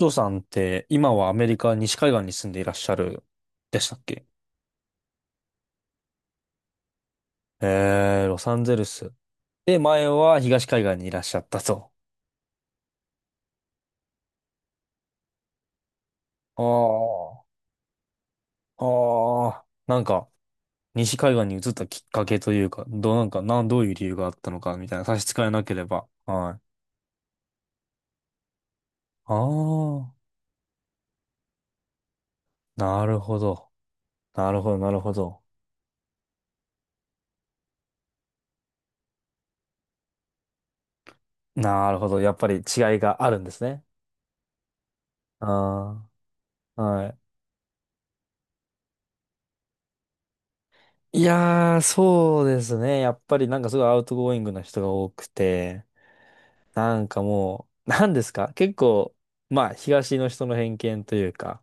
ジョーさんって今はアメリカ西海岸に住んでいらっしゃるでしたっけ？ロサンゼルス。で、前は東海岸にいらっしゃったと。ああ、ああ、なんか西海岸に移ったきっかけというか、どう、なんか、なん、どういう理由があったのかみたいな、差し支えなければ。はい。ああ、なるほど。なるほど、なるほど。なるほど。やっぱり違いがあるんですね。ああ、はい。いやー、そうですね。やっぱりなんかすごいアウトゴーイングな人が多くて、なんかもう、なんですか、結構、まあ、東の人の偏見というか、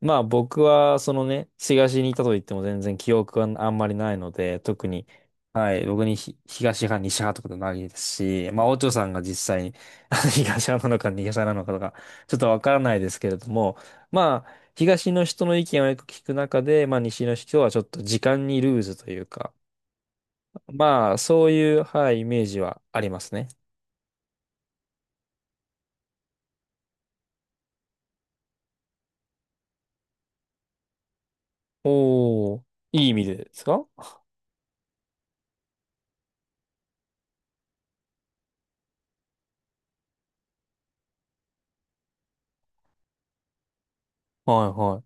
まあ僕は、そのね、東にいたと言っても全然記憶があんまりないので、特に、はい、僕に東派、西派とかでもないですし、まあ、お嬢さんが実際に 東派なのか西派なのかとか、ちょっとわからないですけれども、まあ、東の人の意見をよく聞く中で、まあ、西の人はちょっと時間にルーズというか、まあ、そういう、はい、イメージはありますね。おー、いい意味でですか？はいは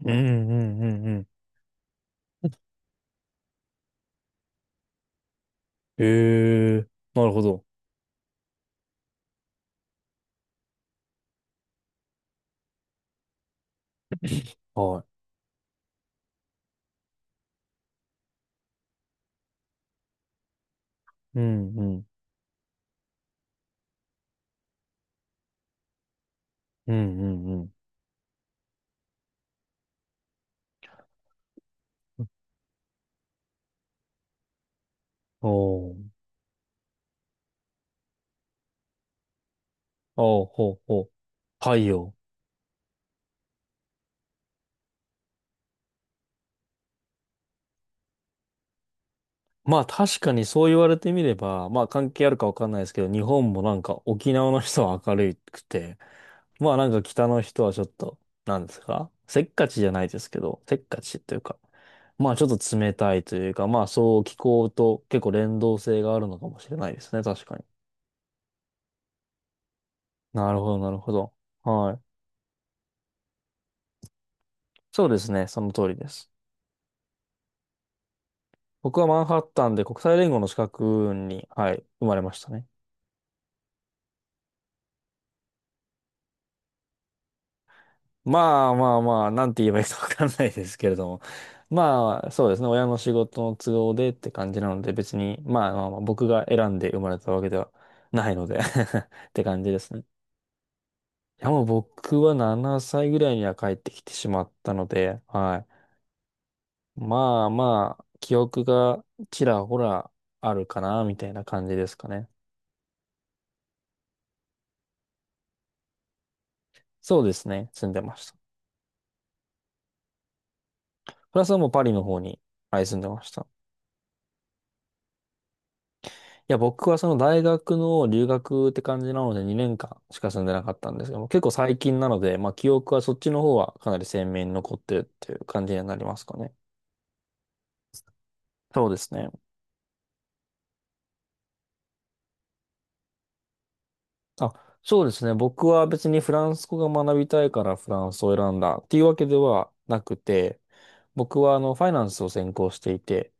い。うんうんうんうん。へえ、なるほど。はい。うんうん。うんうんうん。おー、おー、ほうほう。太陽。まあ確かに、そう言われてみれば、まあ関係あるかわかんないですけど、日本もなんか沖縄の人は明るくて、まあなんか北の人はちょっと、なんですか、せっかちじゃないですけど、せっかちというか、まあちょっと冷たいというか、まあそう、気候と結構連動性があるのかもしれないですね、確かに。なるほど、なるほど。はい。そうですね、その通りです。僕はマンハッタンで国際連合の資格に、はい、生まれましたね。まあまあまあ、なんて言えばいいかわかんないですけれども。まあ、そうですね。親の仕事の都合でって感じなので、別に、まあまあまあ、僕が選んで生まれたわけではないので、 って感じですね。いや、もう僕は7歳ぐらいには帰ってきてしまったので、はい。まあまあ、記憶がちらほらあるかな、みたいな感じですかね。そうですね。住んでました。プラスはもうパリの方に、はい、住んでました。いや、僕はその大学の留学って感じなので2年間しか住んでなかったんですけども、結構最近なので、まあ記憶はそっちの方はかなり鮮明に残ってるっていう感じになりますかね。そうですね。あ、そうですね。僕は別にフランス語が学びたいからフランスを選んだっていうわけではなくて、僕はあのファイナンスを専攻していて、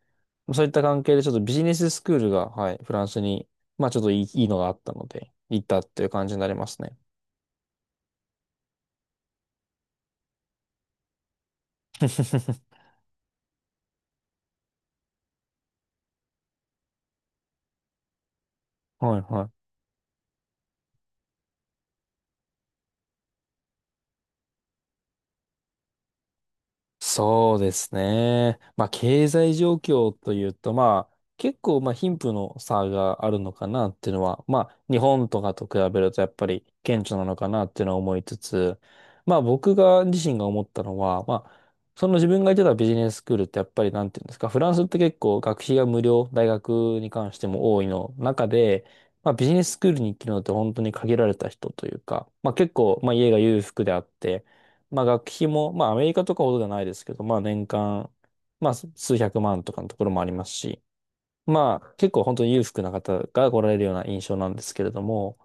そういった関係でちょっとビジネススクールが、はい、フランスに、まあちょっといいのがあったので、行ったっていう感じになりますね。はいはい。そうですね。まあ、経済状況というと、まあ、結構、まあ、貧富の差があるのかなっていうのは、まあ、日本とかと比べるとやっぱり顕著なのかなっていうのは思いつつ、まあ、僕が自身が思ったのは、まあ、その自分が行ってたビジネススクールってやっぱりなんていうんですか、フランスって結構学費が無料、大学に関しても多いの中で、まあ、ビジネススクールに行けるのって本当に限られた人というか、まあ、結構、まあ、家が裕福であって、まあ学費も、まあアメリカとかほどじゃないですけど、まあ年間、まあ数百万とかのところもありますし、まあ結構本当に裕福な方が来られるような印象なんですけれども、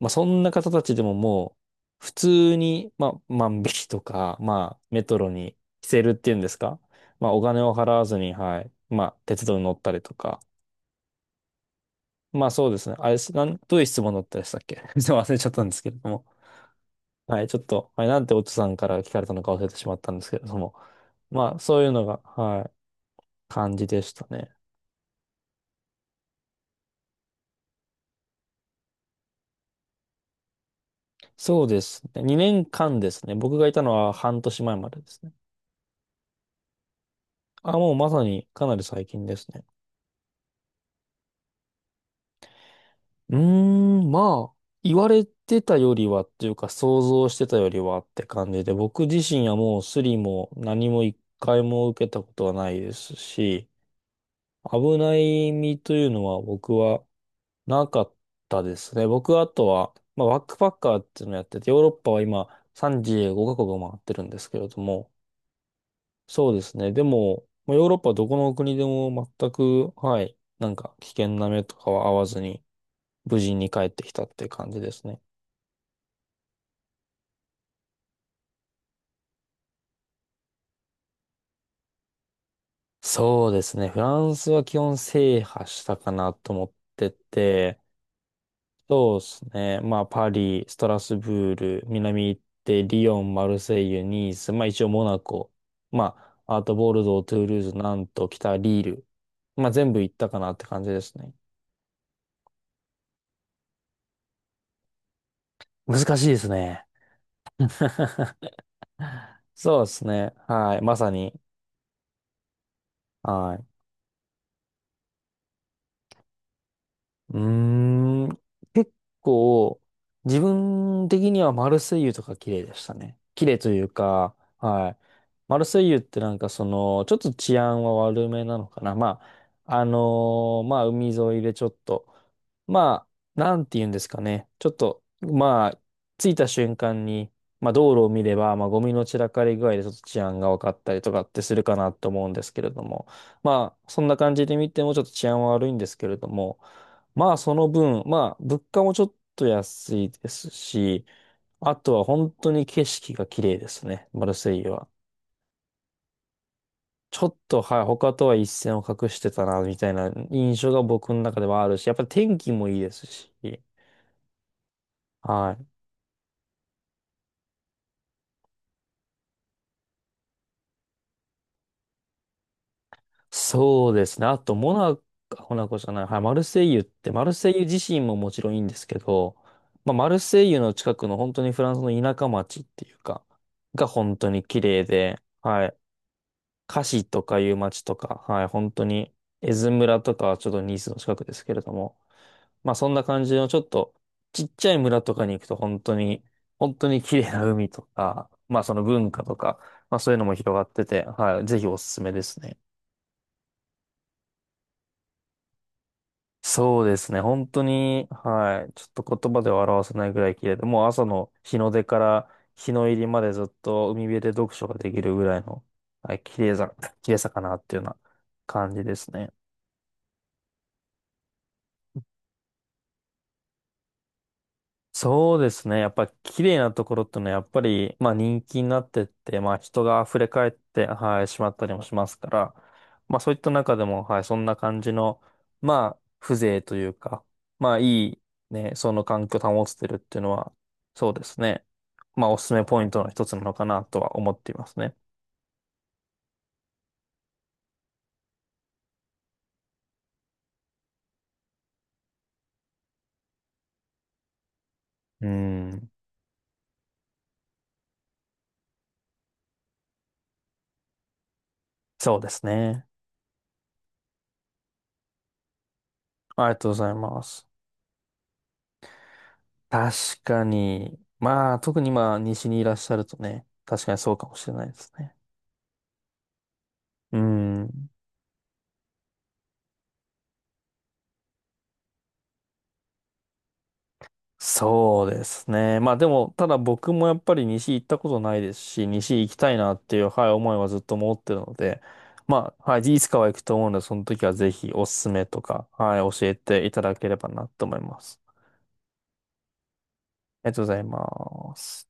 まあそんな方たちでももう普通に、まあ万引きとか、まあメトロに着せるっていうんですか、まあお金を払わずに、はい、まあ鉄道に乗ったりとか、まあそうですね、あれ、なん、どういう質問だったでしたっけ？ すいません、忘れちゃったんですけれども。はい、ちょっと、はい、なんてオッチさんから聞かれたのか忘れてしまったんですけれども、まあ、そういうのが、はい、感じでしたね。そうですね。2年間ですね。僕がいたのは半年前までですね。あ、もうまさにかなり最近ですね。うーん、まあ、言われてたよりはっていうか、想像してたよりはって感じで、僕自身はもうスリも何も一回も受けたことはないですし、危ない身というのは僕はなかったですね。僕はあとは、まあ、バックパッカーっていうのをやってて、ヨーロッパは今35カ国を回ってるんですけれども、そうですね。でも、まあ、ヨーロッパはどこの国でも全く、はい、なんか危険な目とかは合わずに、無事に帰ってきたっていう感じですね。そうですね。フランスは基本制覇したかなと思ってて、そうですね。まあ、パリ、ストラスブール、南行って、リヨン、マルセイユ、ニース、まあ一応モナコ、まあ、あとボルドー、トゥールーズ、ナント、北リール。まあ全部行ったかなって感じですね。難しいですね。そうですね。はい。まさに。はい。うーん。結構、自分的にはマルセイユとか綺麗でしたね。綺麗というか、はい。マルセイユってなんかその、ちょっと治安は悪めなのかな。まあ、あのー、まあ、海沿いでちょっと、まあ、なんて言うんですかね。ちょっと、まあ、着いた瞬間に、まあ、道路を見れば、まあ、ゴミの散らかり具合でちょっと治安が分かったりとかってするかなと思うんですけれども、まあ、そんな感じで見てもちょっと治安は悪いんですけれども、まあその分、まあ物価もちょっと安いですし、あとは本当に景色が綺麗ですね、マルセイユは。ちょっと、はい、他とは一線を画してたな、みたいな印象が僕の中ではあるし、やっぱり天気もいいですし、はい。そうですね。あと、モナコ、モナコじゃない、はい、マルセイユって、マルセイユ自身ももちろんいいんですけど、まあ、マルセイユの近くの本当にフランスの田舎町っていうか、が本当に綺麗で、はい。カシとかいう町とか、はい、本当に、エズ村とかはちょっとニースの近くですけれども、まあそんな感じのちょっとちっちゃい村とかに行くと本当に、本当に綺麗な海とか、まあその文化とか、まあそういうのも広がってて、はい、ぜひおすすめですね。そうですね、本当に、はい、ちょっと言葉では表せないぐらい綺麗で、もう朝の日の出から日の入りまでずっと海辺で読書ができるぐらいの、はい、綺麗さかなっていうような感じですね。そうですね。やっぱ綺麗なところってのはやっぱり、まあ人気になってって、まあ人が溢れ返って、はい、しまったりもしますから、まあそういった中でも、はい、そんな感じの、まあ風情というか、まあいいね、その環境を保つてるっていうのは、そうですね。まあおすすめポイントの一つなのかなとは思っていますね。うん、そうですね。ありがとうございます。確かに、まあ特にまあ西にいらっしゃるとね、確かにそうかもしれないですね。うん。そうですね。まあでも、ただ僕もやっぱり西行ったことないですし、西行きたいなっていう、はい、思いはずっと持ってるので、まあ、はい、いつかは行くと思うので、その時はぜひおすすめとか、はい、教えていただければなと思います。ありがとうございます。